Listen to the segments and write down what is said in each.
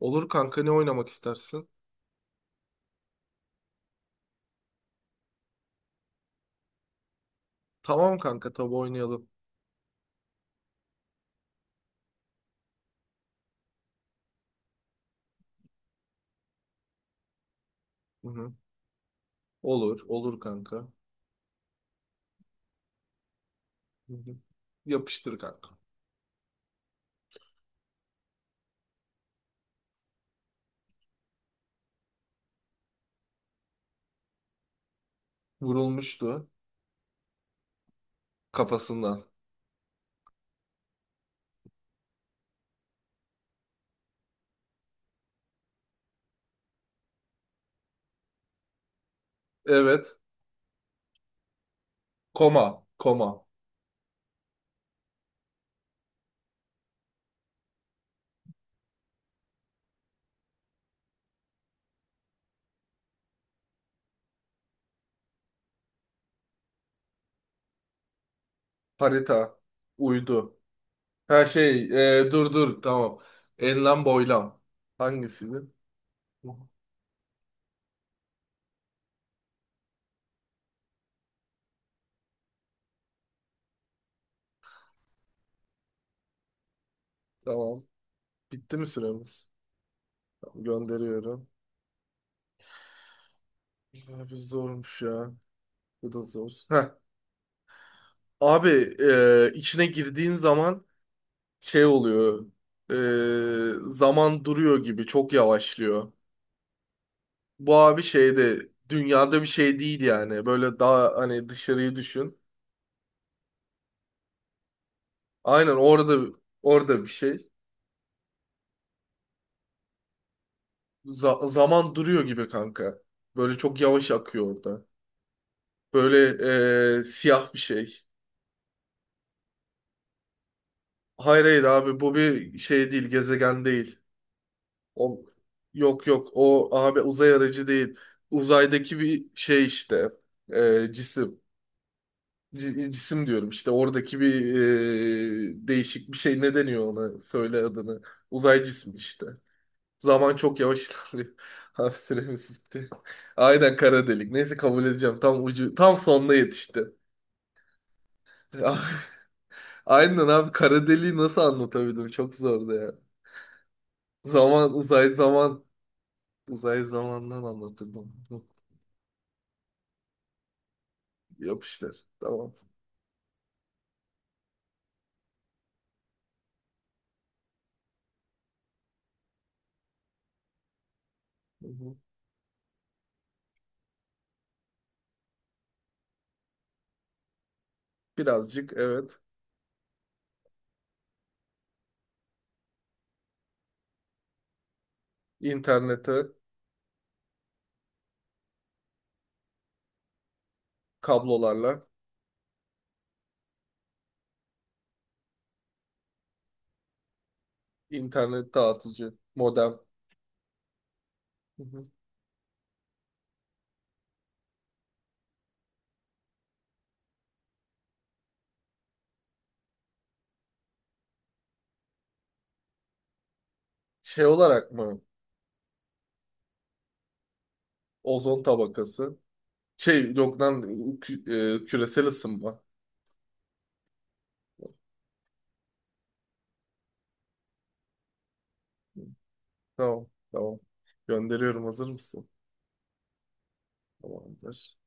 Olur kanka, ne oynamak istersin? Tamam kanka, tabii oynayalım. Hı hı. Olur, olur kanka. Hı hı. Yapıştır kanka. Vurulmuştu kafasından. Evet. Koma, koma. Harita, uydu. Her şey, dur dur, tamam. Enlem boylam. Hangisiydi? Hı. Tamam. Bitti mi süremiz? Tamam, gönderiyorum. Abi zormuş ya. Bu da zor. Heh. Abi, içine girdiğin zaman şey oluyor. Zaman duruyor gibi çok yavaşlıyor. Bu abi şeyde dünyada bir şey değil yani. Böyle daha hani dışarıyı düşün. Aynen orada bir şey. Zaman duruyor gibi kanka. Böyle çok yavaş akıyor orada. Böyle siyah bir şey. Hayır, hayır, abi bu bir şey değil, gezegen değil. O, yok, yok, o abi uzay aracı değil. Uzaydaki bir şey işte, cisim. Cisim diyorum işte, oradaki bir değişik bir şey, ne deniyor ona, söyle adını, uzay cismi işte, zaman çok yavaş ilerliyor. Ha, süremiz bitti. Aynen, kara delik, neyse kabul edeceğim, tam ucu, tam sonuna yetişti. Aynen abi, kara deliği nasıl anlatabildim, çok zordu ya. Zaman uzay zaman uzay zamandan anlatırdım. Yapıştır, tamam. Hı hı. Birazcık, evet. internete kablolarla. İnternet dağıtıcı, modem. Hı hı. Şey olarak mı? Ozon tabakası. Şey yok lan, küresel ısınma. Tamam, tamam. Gönderiyorum, hazır mısın? Tamamdır.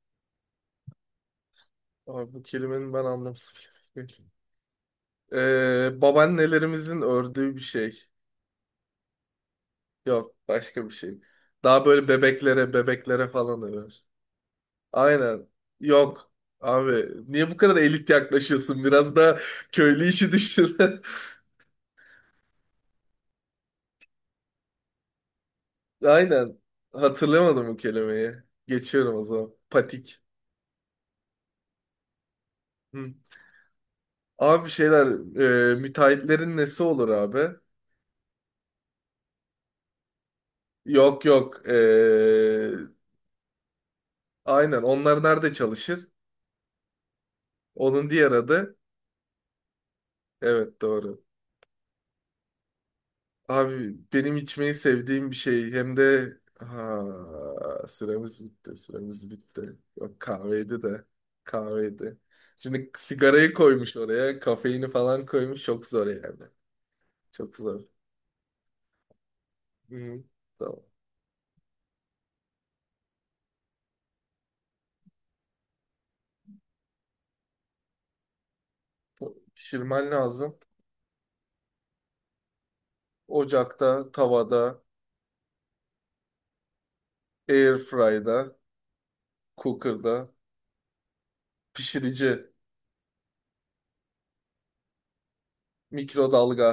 Abi, bu kelimenin ben anlamını bile bilmiyorum. Babaannelerimizin ördüğü bir şey. Yok, başka bir şey. Daha böyle bebeklere falan örer. Aynen. Yok. Abi niye bu kadar elit yaklaşıyorsun? Biraz da köylü işi düşün. Aynen. Hatırlamadım bu kelimeyi. Geçiyorum o zaman. Patik. Hı. Abi şeyler, müteahhitlerin nesi olur abi? Yok, yok. Aynen. Onlar nerede çalışır? Onun diğer adı. Evet, doğru. Abi, benim içmeyi sevdiğim bir şey. Hem de, ha, süremiz bitti. Süremiz bitti. Yok, kahveydi de. Kahveydi. Şimdi sigarayı koymuş oraya. Kafeini falan koymuş. Çok zor yani. Çok zor. Hı. Tamam. Pişirmen lazım. Ocakta, tavada, airfryda, cooker'da, pişirici, mikrodalga,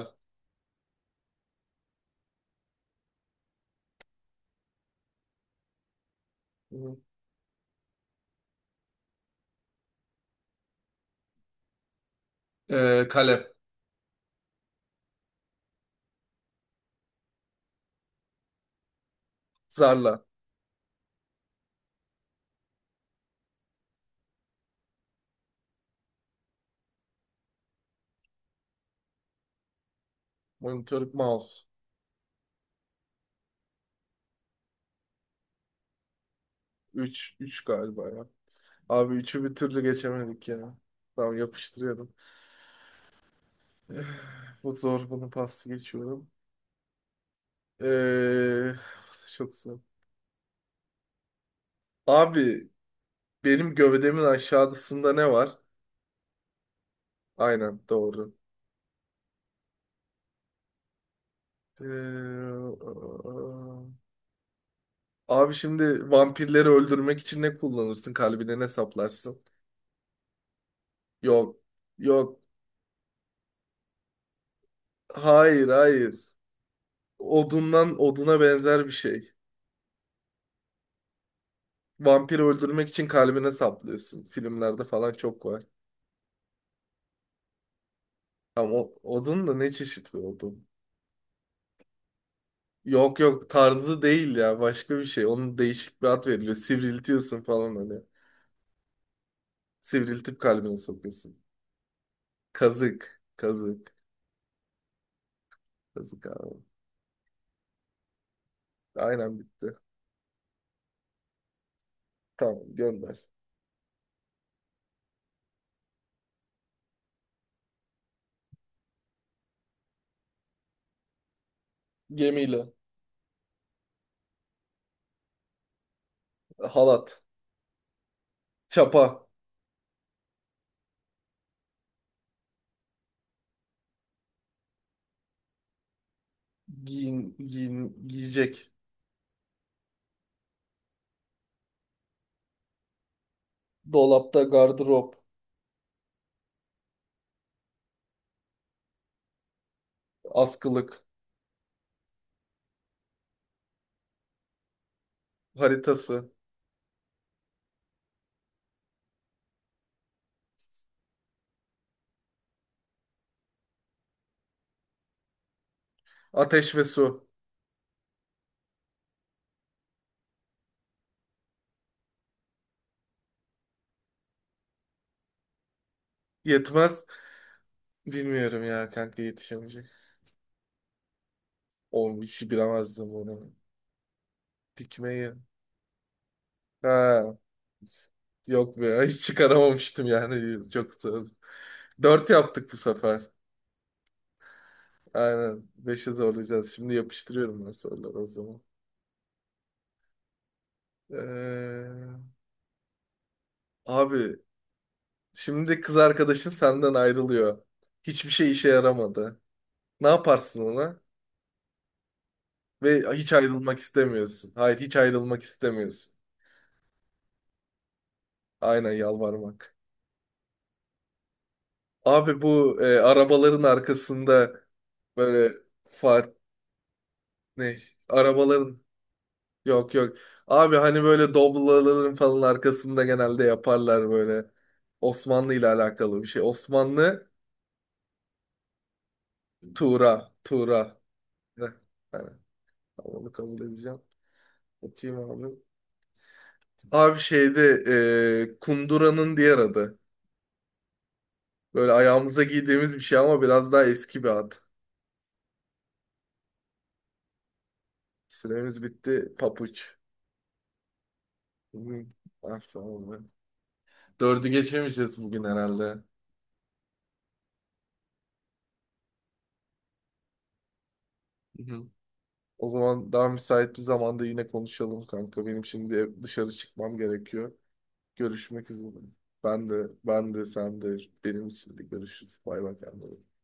kalem, zarla, monitör, mouse. Üç, üç galiba ya. Abi üçü bir türlü geçemedik ya. Tamam, yapıştırıyorum. Eh, bu zor, bunu pas geçiyorum. Ee, Çok zor. Abi, benim gövdemin aşağısında ne var? Aynen, doğru. Ee, Abi, şimdi vampirleri öldürmek için ne kullanırsın? Kalbine ne saplarsın? Yok. Yok. Hayır, hayır. Odundan oduna benzer bir şey. Vampiri öldürmek için kalbine saplıyorsun. Filmlerde falan çok var. Ama o, odun da ne çeşit bir odun? Yok, yok, tarzı değil ya, başka bir şey. Onun değişik bir ad veriliyor. Sivriltiyorsun falan hani. Sivriltip kalbine sokuyorsun. Kazık. Kazık. Kazık abi. Aynen, bitti. Tamam, gönder. Gemiyle. Halat. Çapa. Giyin, giyin, giyecek. Dolapta gardırop, askılık, haritası, ateş ve su. Yetmez. Bilmiyorum ya kanka, yetişemeyecek. O işi bilemezdim bunu. Dikmeyi. Ha. Yok be, hiç çıkaramamıştım yani. Çok zor. Dört yaptık bu sefer. Aynen. Beşe zorlayacağız. Şimdi yapıştırıyorum ben soruları o zaman. Ee, Abi, şimdi kız arkadaşın senden ayrılıyor. Hiçbir şey işe yaramadı. Ne yaparsın ona? Ve hiç ayrılmak istemiyorsun. Hayır, hiç ayrılmak istemiyorsun. Aynen, yalvarmak. Abi bu, arabaların arkasında böyle, fa ne? Arabaların, yok, yok. Abi hani böyle Doblo'ların falan arkasında genelde yaparlar böyle. Osmanlı ile alakalı bir şey. Osmanlı. Tuğra. Tuğra. Heh, hani, tamam, onu kabul edeceğim. Okuyayım abi. Abi şeyde, kunduranın diğer adı. Böyle ayağımıza giydiğimiz bir şey ama biraz daha eski bir ad. Süremiz bitti. Papuç. Hı. Ah, oldu. Dördü geçemeyeceğiz bugün herhalde. Hı hı. O zaman daha müsait bir zamanda yine konuşalım kanka. Benim şimdi dışarı çıkmam gerekiyor. Görüşmek üzere. Ben de, ben de, sen de. Benim için de görüşürüz. Bay bay kendine.